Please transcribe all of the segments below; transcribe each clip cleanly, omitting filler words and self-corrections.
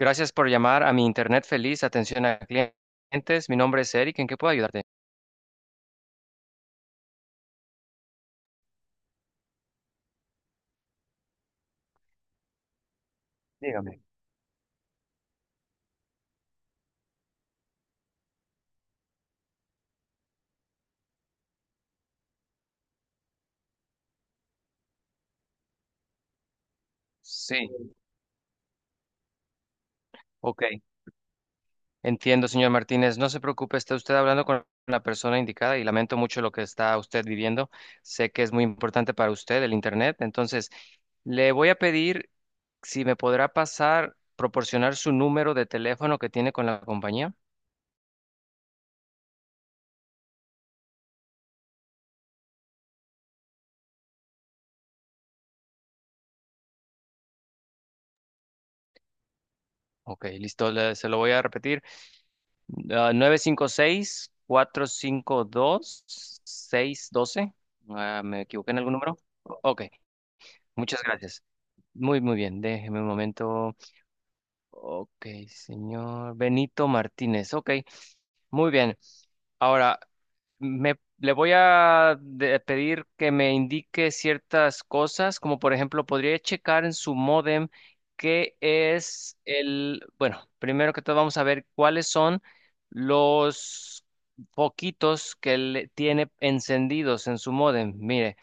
Gracias por llamar a mi Internet Feliz, atención a clientes. Mi nombre es Eric, ¿en qué puedo ayudarte? Dígame. Sí, ok. Entiendo, señor Martínez. No se preocupe, está usted hablando con la persona indicada y lamento mucho lo que está usted viviendo. Sé que es muy importante para usted el Internet, entonces le voy a pedir si me podrá pasar, proporcionar su número de teléfono que tiene con la compañía. Ok, listo, se lo voy a repetir. 956-452-612. Ah, ¿me equivoqué en algún número? Ok, muchas gracias. Muy, muy bien, déjeme un momento. Ok, señor Benito Martínez. Ok, muy bien. Ahora, le voy a pedir que me indique ciertas cosas, como por ejemplo, podría checar en su módem qué es el, bueno, primero que todo vamos a ver cuáles son los poquitos que le tiene encendidos en su módem. Mire,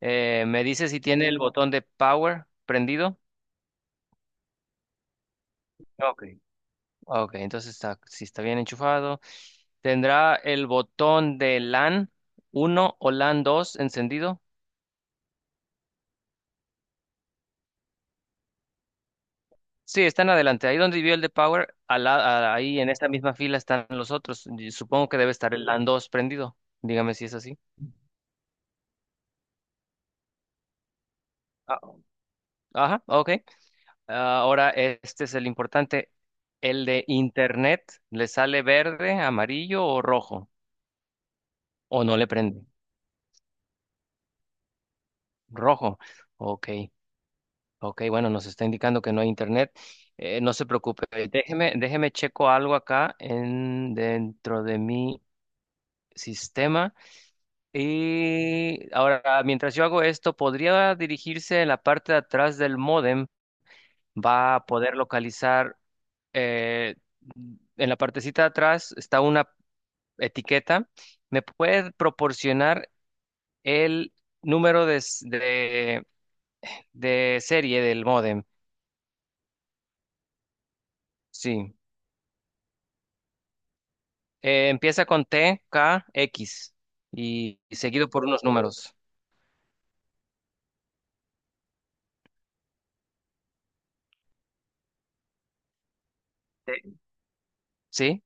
me dice si tiene el botón de power prendido. Ok. Ok, entonces está, si está bien enchufado. ¿Tendrá el botón de LAN 1 o LAN 2 encendido? Sí, están adelante. Ahí donde vio el de Power, ahí en esta misma fila están los otros. Y supongo que debe estar el LAN 2 prendido. Dígame si es así. Ah, Ajá, ok. Ahora este es el importante. El de Internet, ¿le sale verde, amarillo o rojo? ¿O no le prende? Rojo. Ok, ok. Bueno, nos está indicando que no hay Internet. No se preocupe. Déjeme, checo algo acá en, dentro de mi sistema. Y ahora, mientras yo hago esto, podría dirigirse en la parte de atrás del módem, va a poder localizar, eh, en la partecita de atrás está una etiqueta, me puede proporcionar el número de serie del módem, sí. Empieza con T, K, X y seguido por unos números, ¿sí? ¿Sí?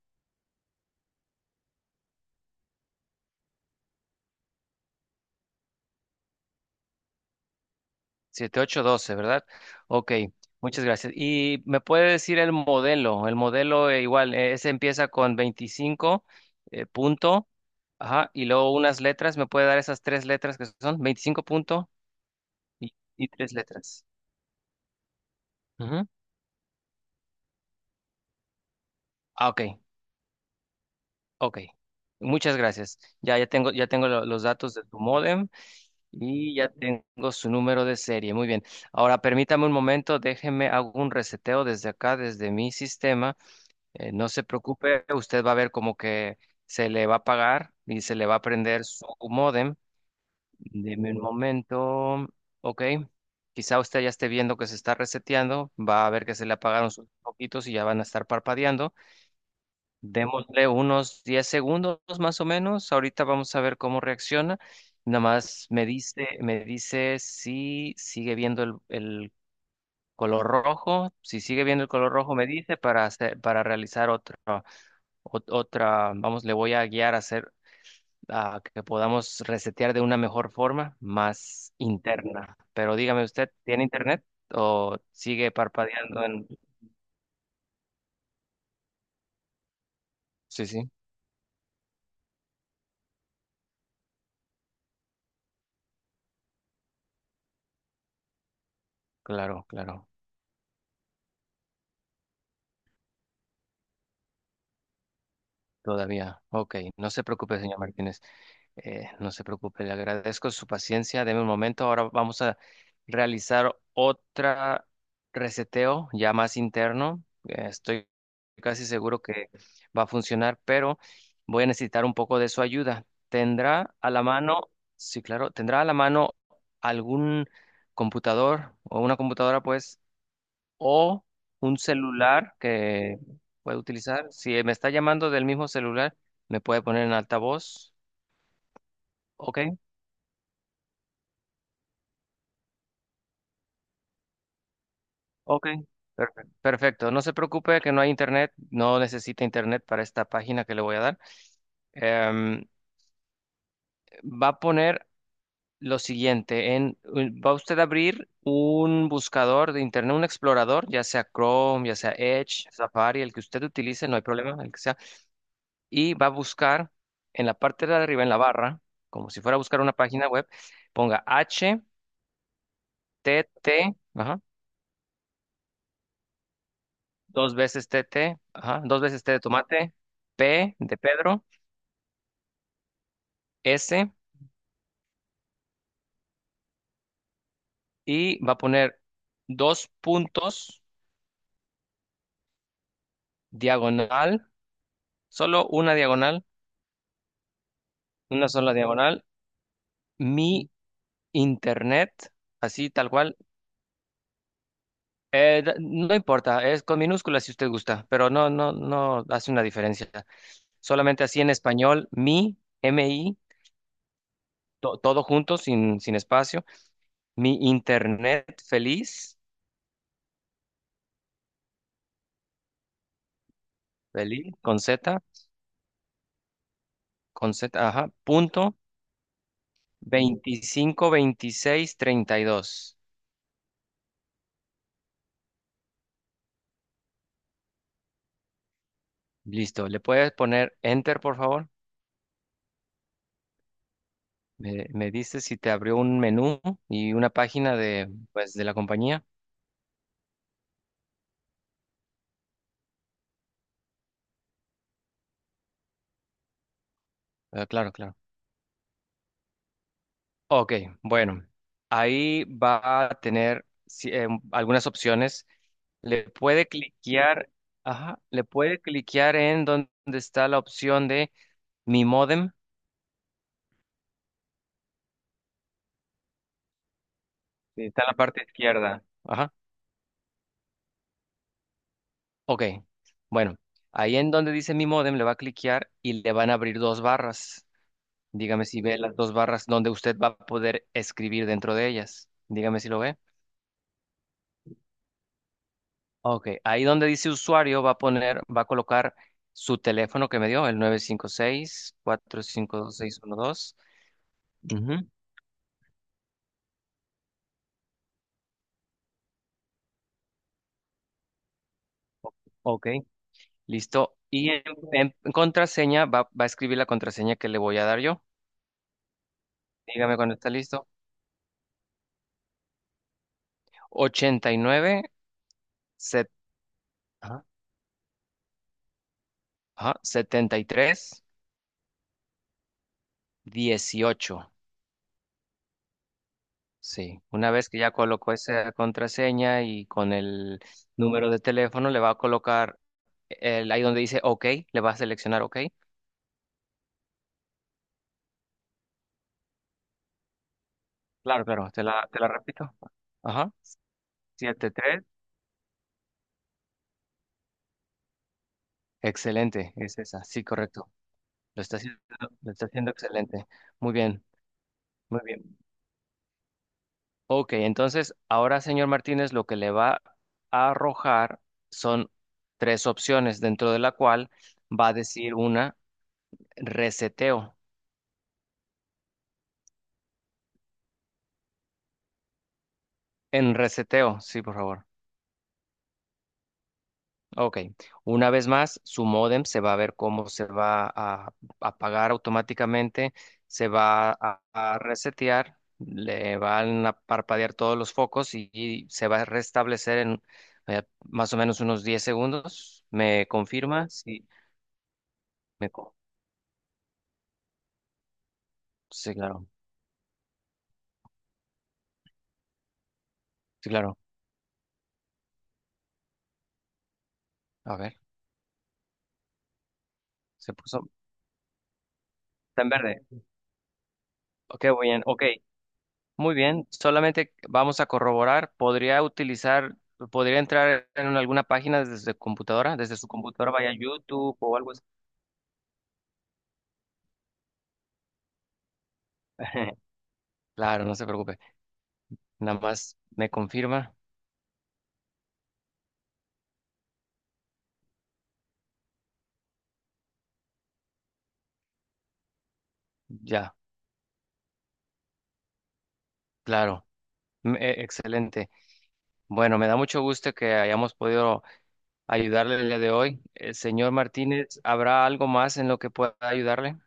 7, 8 doce, ¿verdad? Ok, muchas gracias. ¿Y me puede decir el modelo? El modelo igual, ese empieza con 25 punto, ajá, y luego unas letras. ¿Me puede dar esas tres letras que son? Veinticinco punto y tres letras. Ujú. Ok, ok. Muchas gracias. Ya tengo los datos de tu modem y ya tengo su número de serie. Muy bien. Ahora permítame un momento, déjeme hago un reseteo desde acá, desde mi sistema. No se preocupe, usted va a ver como que se le va a pagar y se le va a prender su módem. Deme un momento. Ok. Quizá usted ya esté viendo que se está reseteando. Va a ver que se le apagaron sus poquitos y ya van a estar parpadeando. Démosle unos 10 segundos más o menos. Ahorita vamos a ver cómo reacciona. Nada más me dice si sigue viendo el color rojo. Si sigue viendo el color rojo, me dice para hacer, para realizar otra, vamos, le voy a guiar a hacer a que podamos resetear de una mejor forma, más interna. Pero dígame usted, ¿tiene internet o sigue parpadeando en? Sí, sí, claro, claro, todavía. Ok, no se preocupe, señor Martínez. No se preocupe, le agradezco su paciencia. Deme un momento. Ahora vamos a realizar otra reseteo ya más interno. Estoy casi seguro que va a funcionar, pero voy a necesitar un poco de su ayuda. ¿Tendrá a la mano, sí, claro, tendrá a la mano algún computador o una computadora, pues, o un celular que pueda utilizar? Si me está llamando del mismo celular, me puede poner en altavoz. Ok. Ok, perfecto. Perfecto. No se preocupe que no hay internet, no necesita internet para esta página que le voy a dar. Em, va a poner lo siguiente, va usted a abrir un buscador de internet, un explorador, ya sea Chrome, ya sea Edge, Safari, el que usted utilice, no hay problema, el que sea, y va a buscar en la parte de arriba, en la barra, como si fuera a buscar una página web, ponga h t T, ajá, dos veces t T, ajá, dos veces T de tomate, P de Pedro. S y va a poner dos puntos diagonal, solo una diagonal, una sola diagonal, mi internet, así tal cual. No importa, es con minúsculas si usted gusta, pero no, no, no hace una diferencia. Solamente así en español, todo junto, sin espacio, mi internet feliz, feliz, con Z, ajá, punto, veinticinco veintiséis treinta y dos. Listo, ¿le puedes poner Enter, por favor? Me dices si te abrió un menú y una página de, pues, de la compañía. Ah, claro, claro. Ok, bueno, ahí va a tener algunas opciones. Le puede cliquear, ajá, le puede cliquear en donde está la opción de Mi Modem, que está en la parte izquierda. Ajá, ok. Bueno, ahí en donde dice Mi Modem le va a cliquear y le van a abrir dos barras. Dígame si ve las dos barras donde usted va a poder escribir dentro de ellas. Dígame si lo ve. Ok, ahí donde dice usuario va a colocar su teléfono que me dio, el 956-452-612. Ujú, ok, listo. Y en contraseña va a escribir la contraseña que le voy a dar yo. Dígame cuando está listo. 89, set- ajá, ajá, 73, 18. Sí, una vez que ya colocó esa contraseña y con el número de teléfono le va a colocar ahí donde dice OK, le va a seleccionar OK. Claro, claro, te la repito. Ajá, 73. Excelente, es esa, sí, correcto. Lo está haciendo, lo está haciendo excelente. Muy bien, muy bien. Ok, entonces ahora, señor Martínez, lo que le va a arrojar son tres opciones, dentro de la cual va a decir una reseteo. En reseteo, sí, por favor. Ok, una vez más, su módem se va a ver cómo se va a apagar automáticamente, se va a resetear, le van a parpadear todos los focos y se va a restablecer en más o menos unos 10 segundos. ¿Me confirma? Sí, me co- sí, claro, sí, claro. A ver, se puso, está en verde. Ok. Muy bien, solamente vamos a corroborar. Podría entrar en alguna página desde computadora? Desde su computadora, vaya a YouTube o algo así. Claro, no se preocupe. Nada más me confirma. Ya, claro. Excelente. Bueno, me da mucho gusto que hayamos podido ayudarle el día de hoy. Señor Martínez, ¿habrá algo más en lo que pueda ayudarle?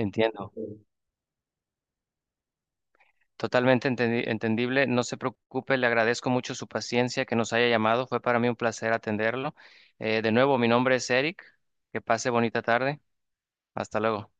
Entiendo. Totalmente entendible. No se preocupe, le agradezco mucho su paciencia que nos haya llamado. Fue para mí un placer atenderlo. De nuevo, mi nombre es Eric. Que pase bonita tarde. Hasta luego.